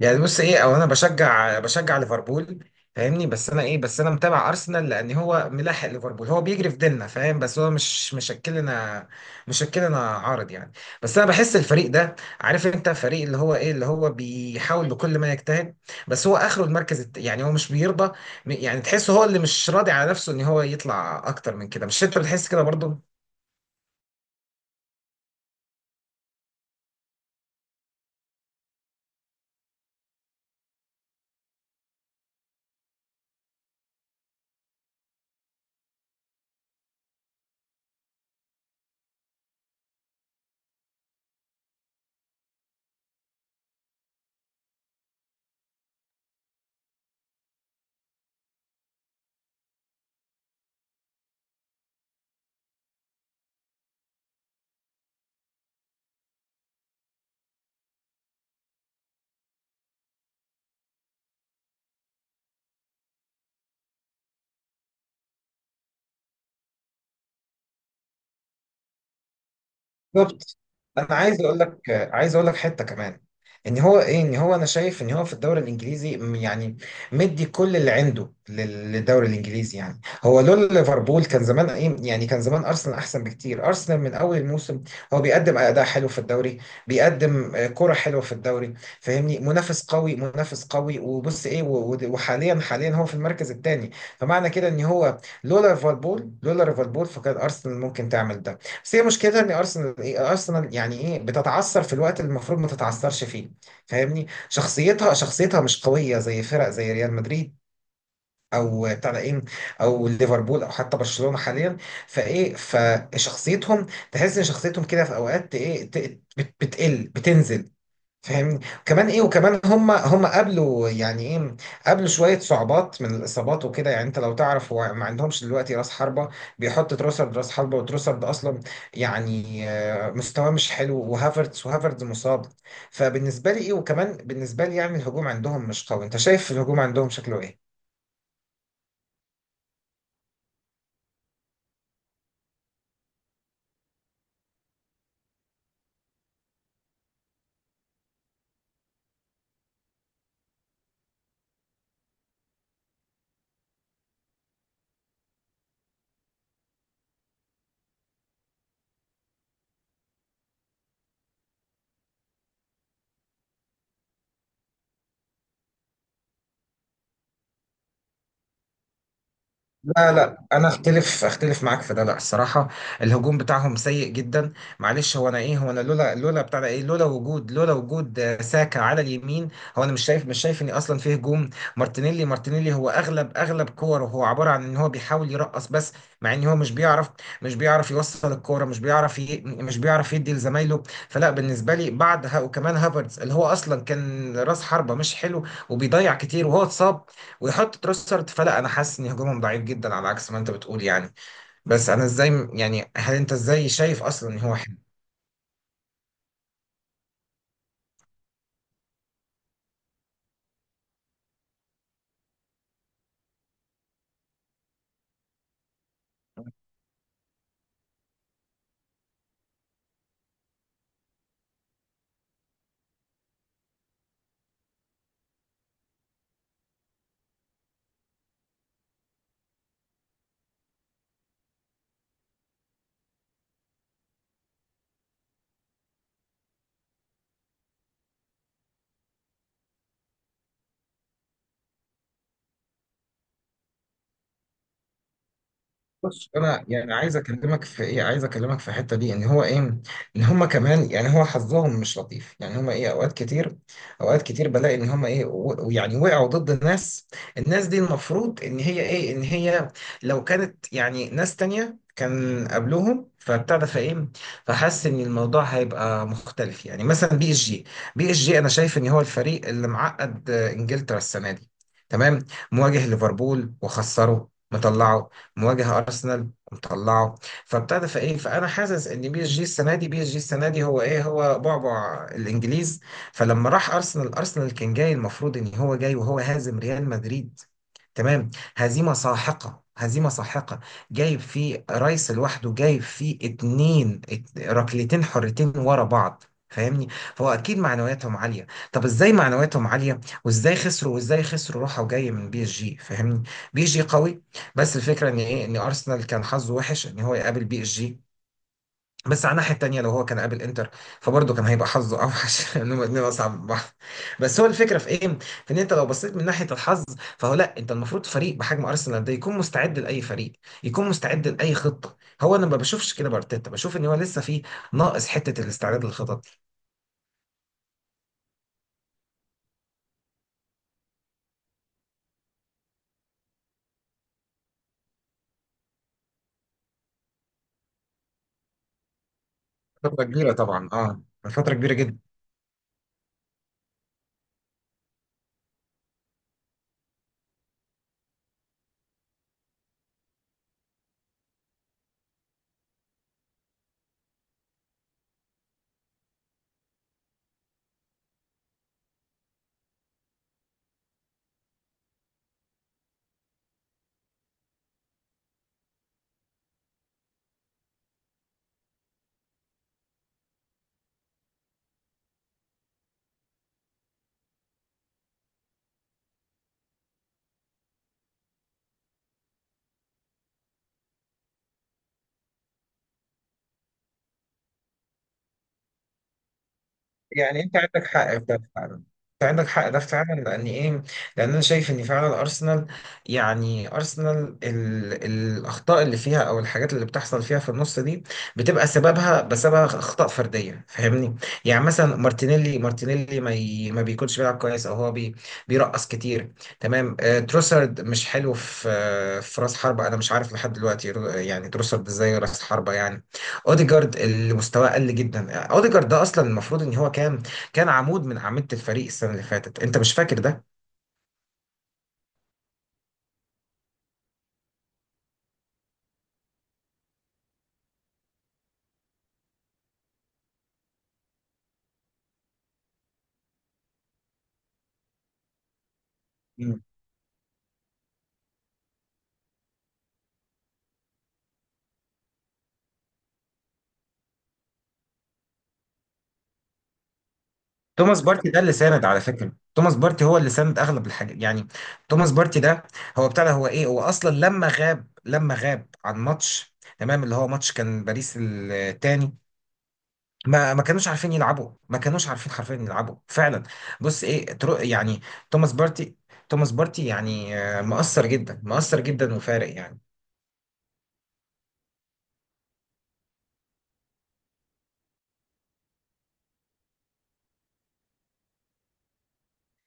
يعني بص ايه. انا بشجع ليفربول، فاهمني؟ بس انا متابع ارسنال لان هو ملاحق ليفربول، هو بيجري في ديلنا، فاهم؟ بس هو مش مشكلنا، مشكلنا عارض يعني. بس انا بحس الفريق ده، عارف انت، فريق اللي هو بيحاول بكل ما يجتهد، بس هو اخره المركز يعني هو مش بيرضى. يعني تحسه هو اللي مش راضي على نفسه ان هو يطلع اكتر من كده. مش انت بتحس كده برضه؟ بالظبط. انا عايز اقول لك، عايز اقول لك حته كمان، ان هو انا شايف ان هو في الدوري الانجليزي يعني مدي كل اللي عنده للدوري الانجليزي. يعني هو لولا ليفربول كان زمان ايه، يعني كان زمان ارسنال احسن بكتير. ارسنال من اول الموسم هو بيقدم اداء حلو في الدوري، بيقدم آه، كرة حلوه في الدوري، فاهمني؟ منافس قوي، منافس قوي. وبص ايه، وحاليا، حاليا هو في المركز الثاني. فمعنى كده ان هو، لولا ليفربول فكان ارسنال ممكن تعمل ده. بس هي مشكلتها ان ارسنال ايه، ارسنال يعني ايه، بتتعثر في الوقت اللي المفروض ما تتعثرش فيه، فاهمني؟ شخصيتها مش قويه زي فرق زي ريال مدريد، او بتاع ده ايه، او ليفربول، او حتى برشلونه حاليا. فايه، فشخصيتهم، تحس ان شخصيتهم كده في اوقات ايه، بتقل، بتنزل، فاهمني؟ وكمان ايه، وكمان هم قابلوا يعني ايه، قابلوا شويه صعوبات من الاصابات وكده. يعني انت لو تعرف، هو ما عندهمش دلوقتي راس حربه، بيحط تروسرد راس حربه، وتروسرد اصلا يعني آه، مستواه مش حلو. وهافرتز مصاب. فبالنسبه لي ايه، وكمان بالنسبه لي يعني الهجوم عندهم مش قوي. انت شايف الهجوم عندهم شكله ايه؟ لا انا اختلف معاك في ده، لا الصراحه الهجوم بتاعهم سيء جدا. معلش، هو انا ايه، هو انا لولا لولا بتاع ده ايه، لولا وجود آه، ساكا على اليمين، هو انا مش شايف ان اصلا فيه هجوم. مارتينيلي هو اغلب كوره هو عباره عن ان هو بيحاول يرقص بس، مع ان هو مش بيعرف، مش بيعرف يوصل الكوره، مش بيعرف يدي لزمايله. فلا بالنسبه لي، بعد ها وكمان هافرتز اللي هو اصلا كان راس حربه مش حلو وبيضيع كتير وهو اتصاب ويحط تروسرد، فلا انا حاسس ان هجومهم ضعيف جدا على عكس ما انت بتقول يعني. بس انا ازاي يعني، هل انت ازاي شايف اصلا ان هو، بص انا يعني عايز اكلمك في ايه، عايز اكلمك في الحته دي، ان هو ايه، ان هم كمان يعني هو حظهم مش لطيف. يعني هم ايه اوقات كتير، اوقات كتير بلاقي ان هم ايه، ويعني وقعوا ضد ناس، الناس دي المفروض ان هي ايه، ان هي لو كانت يعني ناس تانية كان قبلهم، فبتاع ده فايه، فحس ان الموضوع هيبقى مختلف. يعني مثلا بي اس جي، بي اس جي انا شايف ان هو الفريق اللي معقد آه، انجلترا السنه دي، تمام؟ مواجه ليفربول وخسره مطلعه، مواجه ارسنال ومطلعه. فابتدى فايه، فانا حاسس ان بي اس جي السنه دي بي اس جي السنه دي هو ايه، هو بعبع الانجليز. فلما راح ارسنال، ارسنال كان جاي، المفروض ان هو جاي وهو هازم ريال مدريد، تمام؟ هزيمة ساحقة، جايب فيه رايس لوحده، جايب فيه اتنين ركلتين حرتين ورا بعض، فاهمني؟ فهو اكيد معنوياتهم عاليه. طب ازاي معنوياتهم عاليه وازاي خسروا، وازاي خسروا راحه وجايه من بي اس جي، فاهمني؟ بي اس جي قوي. بس الفكره ان ايه، ان ارسنال كان حظه وحش ان هو يقابل بي اس جي. بس على الناحية التانية لو هو كان قابل انتر فبرضه كان هيبقى حظه اوحش لان هما الاتنين اصعب من بعض. بس هو الفكرة في ايه؟ في ان انت لو بصيت من ناحية الحظ، فهو لا، انت المفروض فريق بحجم ارسنال ده يكون مستعد لاي فريق، يكون مستعد لاي خطة. هو انا ما بشوفش كده بارتيتا، بشوف ان هو لسه فيه ناقص حتة الاستعداد للخطط. فترة كبيرة طبعا اه، فترة كبيرة جدا. يعني انت عندك حق في ده فعلا، انت عندك حق ده فعلا، لان ايه، لان انا شايف ان فعلا ارسنال يعني ارسنال الاخطاء اللي فيها او الحاجات اللي بتحصل فيها في النص دي بتبقى سببها بسبب اخطاء فرديه، فاهمني؟ يعني مثلا مارتينيلي ما بيكونش بيلعب كويس، بيرقص كتير، تمام؟ آه تروسارد مش حلو في آه في راس حربة، انا مش عارف لحد دلوقتي يعني تروسارد ازاي راس حربة يعني. اوديجارد اللي مستواه قل جدا، اوديجارد ده اصلا المفروض ان هو كان عمود من اعمده الفريق السنه اللي فاتت، انت مش فاكر ده؟ مم. توماس بارتي ده اللي ساند، على فكره توماس بارتي هو اللي ساند اغلب الحاجات يعني. توماس بارتي ده، هو بتاع ده، هو ايه، هو اصلا لما غاب عن ماتش، تمام؟ اللي هو ماتش كان باريس التاني، ما كانوش عارفين يلعبوا، ما كانوش عارفين حرفيا يلعبوا فعلا. بص ايه، ترو يعني، توماس بارتي توماس بارتي يعني آه، مؤثر جدا، مؤثر جدا وفارق يعني.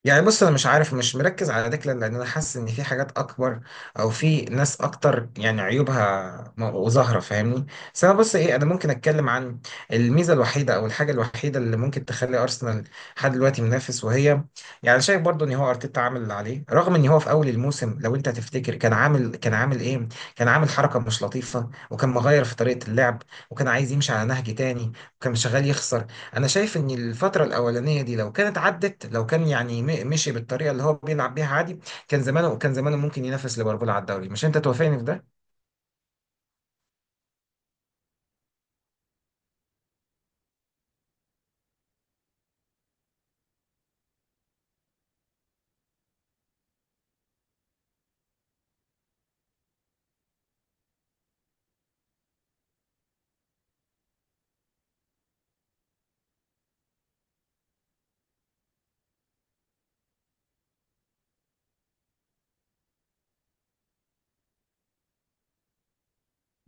يعني بص انا مش عارف، مش مركز على ديكلان لان انا حاسس ان في حاجات اكبر، او في ناس اكتر يعني عيوبها وظاهره، فاهمني؟ بس انا بص ايه، انا ممكن اتكلم عن الميزه الوحيده او الحاجه الوحيده اللي ممكن تخلي ارسنال لحد دلوقتي منافس، وهي يعني شايف برضو ان هو ارتيتا عامل اللي عليه. رغم ان هو في اول الموسم، لو انت تفتكر، كان عامل كان عامل ايه كان عامل حركه مش لطيفه، وكان مغير في طريقه اللعب، وكان عايز يمشي على نهج تاني، وكان شغال يخسر. انا شايف ان الفتره الاولانيه دي لو كانت عدت، لو كان يعني مشي بالطريقه اللي هو بيلعب بيها عادي، كان زمانه ممكن ينافس ليفربول على الدوري. مش انت توافقني في ده؟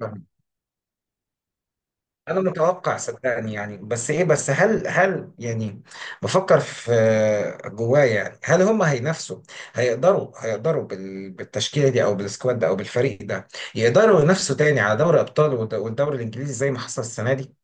فاهم. انا متوقع صدقني يعني. بس ايه، بس هل يعني بفكر في جوايا، يعني هل هم هينافسوا، هيقدروا بالتشكيله دي او بالسكواد ده او بالفريق ده يقدروا ينافسوا تاني على دوري ابطال والدوري الانجليزي زي ما حصل السنه دي؟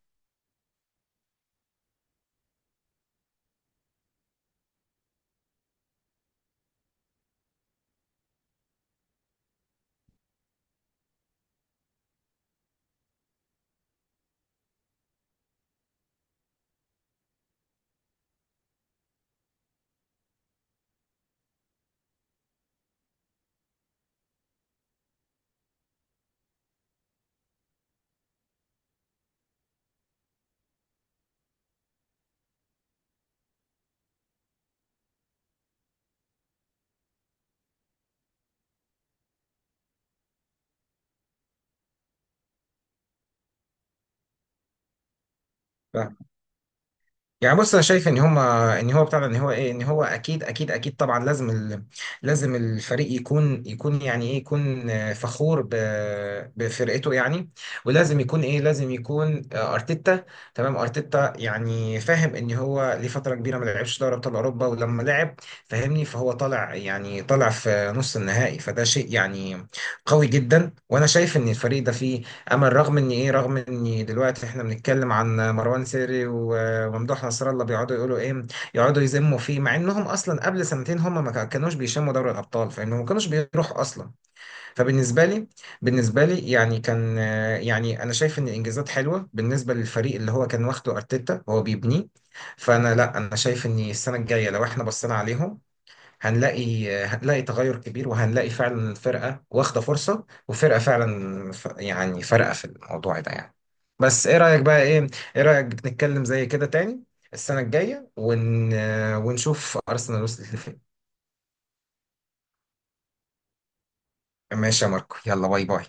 يعني بص انا شايف ان هما، ان هو بتاع ده، ان هو ايه، ان هو اكيد طبعا لازم لازم الفريق يكون، يكون يعني ايه، يكون آه، فخور بفرقته يعني. ولازم يكون ايه، لازم يكون آه، ارتيتا، تمام؟ ارتيتا يعني فاهم ان هو لفتره كبيره ما لعبش دوري ابطال اوروبا، ولما لعب، فاهمني، فهو طالع، يعني طالع في نص النهائي، فده شيء يعني قوي جدا. وانا شايف ان الفريق ده فيه امل، رغم ان ايه، رغم ان دلوقتي احنا بنتكلم عن مروان سيري وممدوح نصر الله بيقعدوا يقولوا ايه، يقعدوا يذموا فيه، مع انهم اصلا قبل سنتين هم ما كا- كانوش بيشموا دوري الابطال، فانهم ما كانوش بيروحوا اصلا. فبالنسبه لي، بالنسبه لي يعني كان آه، يعني انا شايف ان الانجازات حلوه بالنسبه للفريق اللي هو كان واخده ارتيتا، هو بيبنيه. فانا لا، انا شايف ان السنه الجايه لو احنا بصينا عليهم، هنلاقي تغير كبير، وهنلاقي فعلا الفرقة واخدة فرصة، وفرقة فعلا يعني فارقة في الموضوع ده يعني. بس ايه رأيك بقى، ايه، ايه رأيك نتكلم زي كده تاني السنة الجاية ونشوف أرسنال وصلت لفين؟ ماشي يا ماركو، يلا باي باي.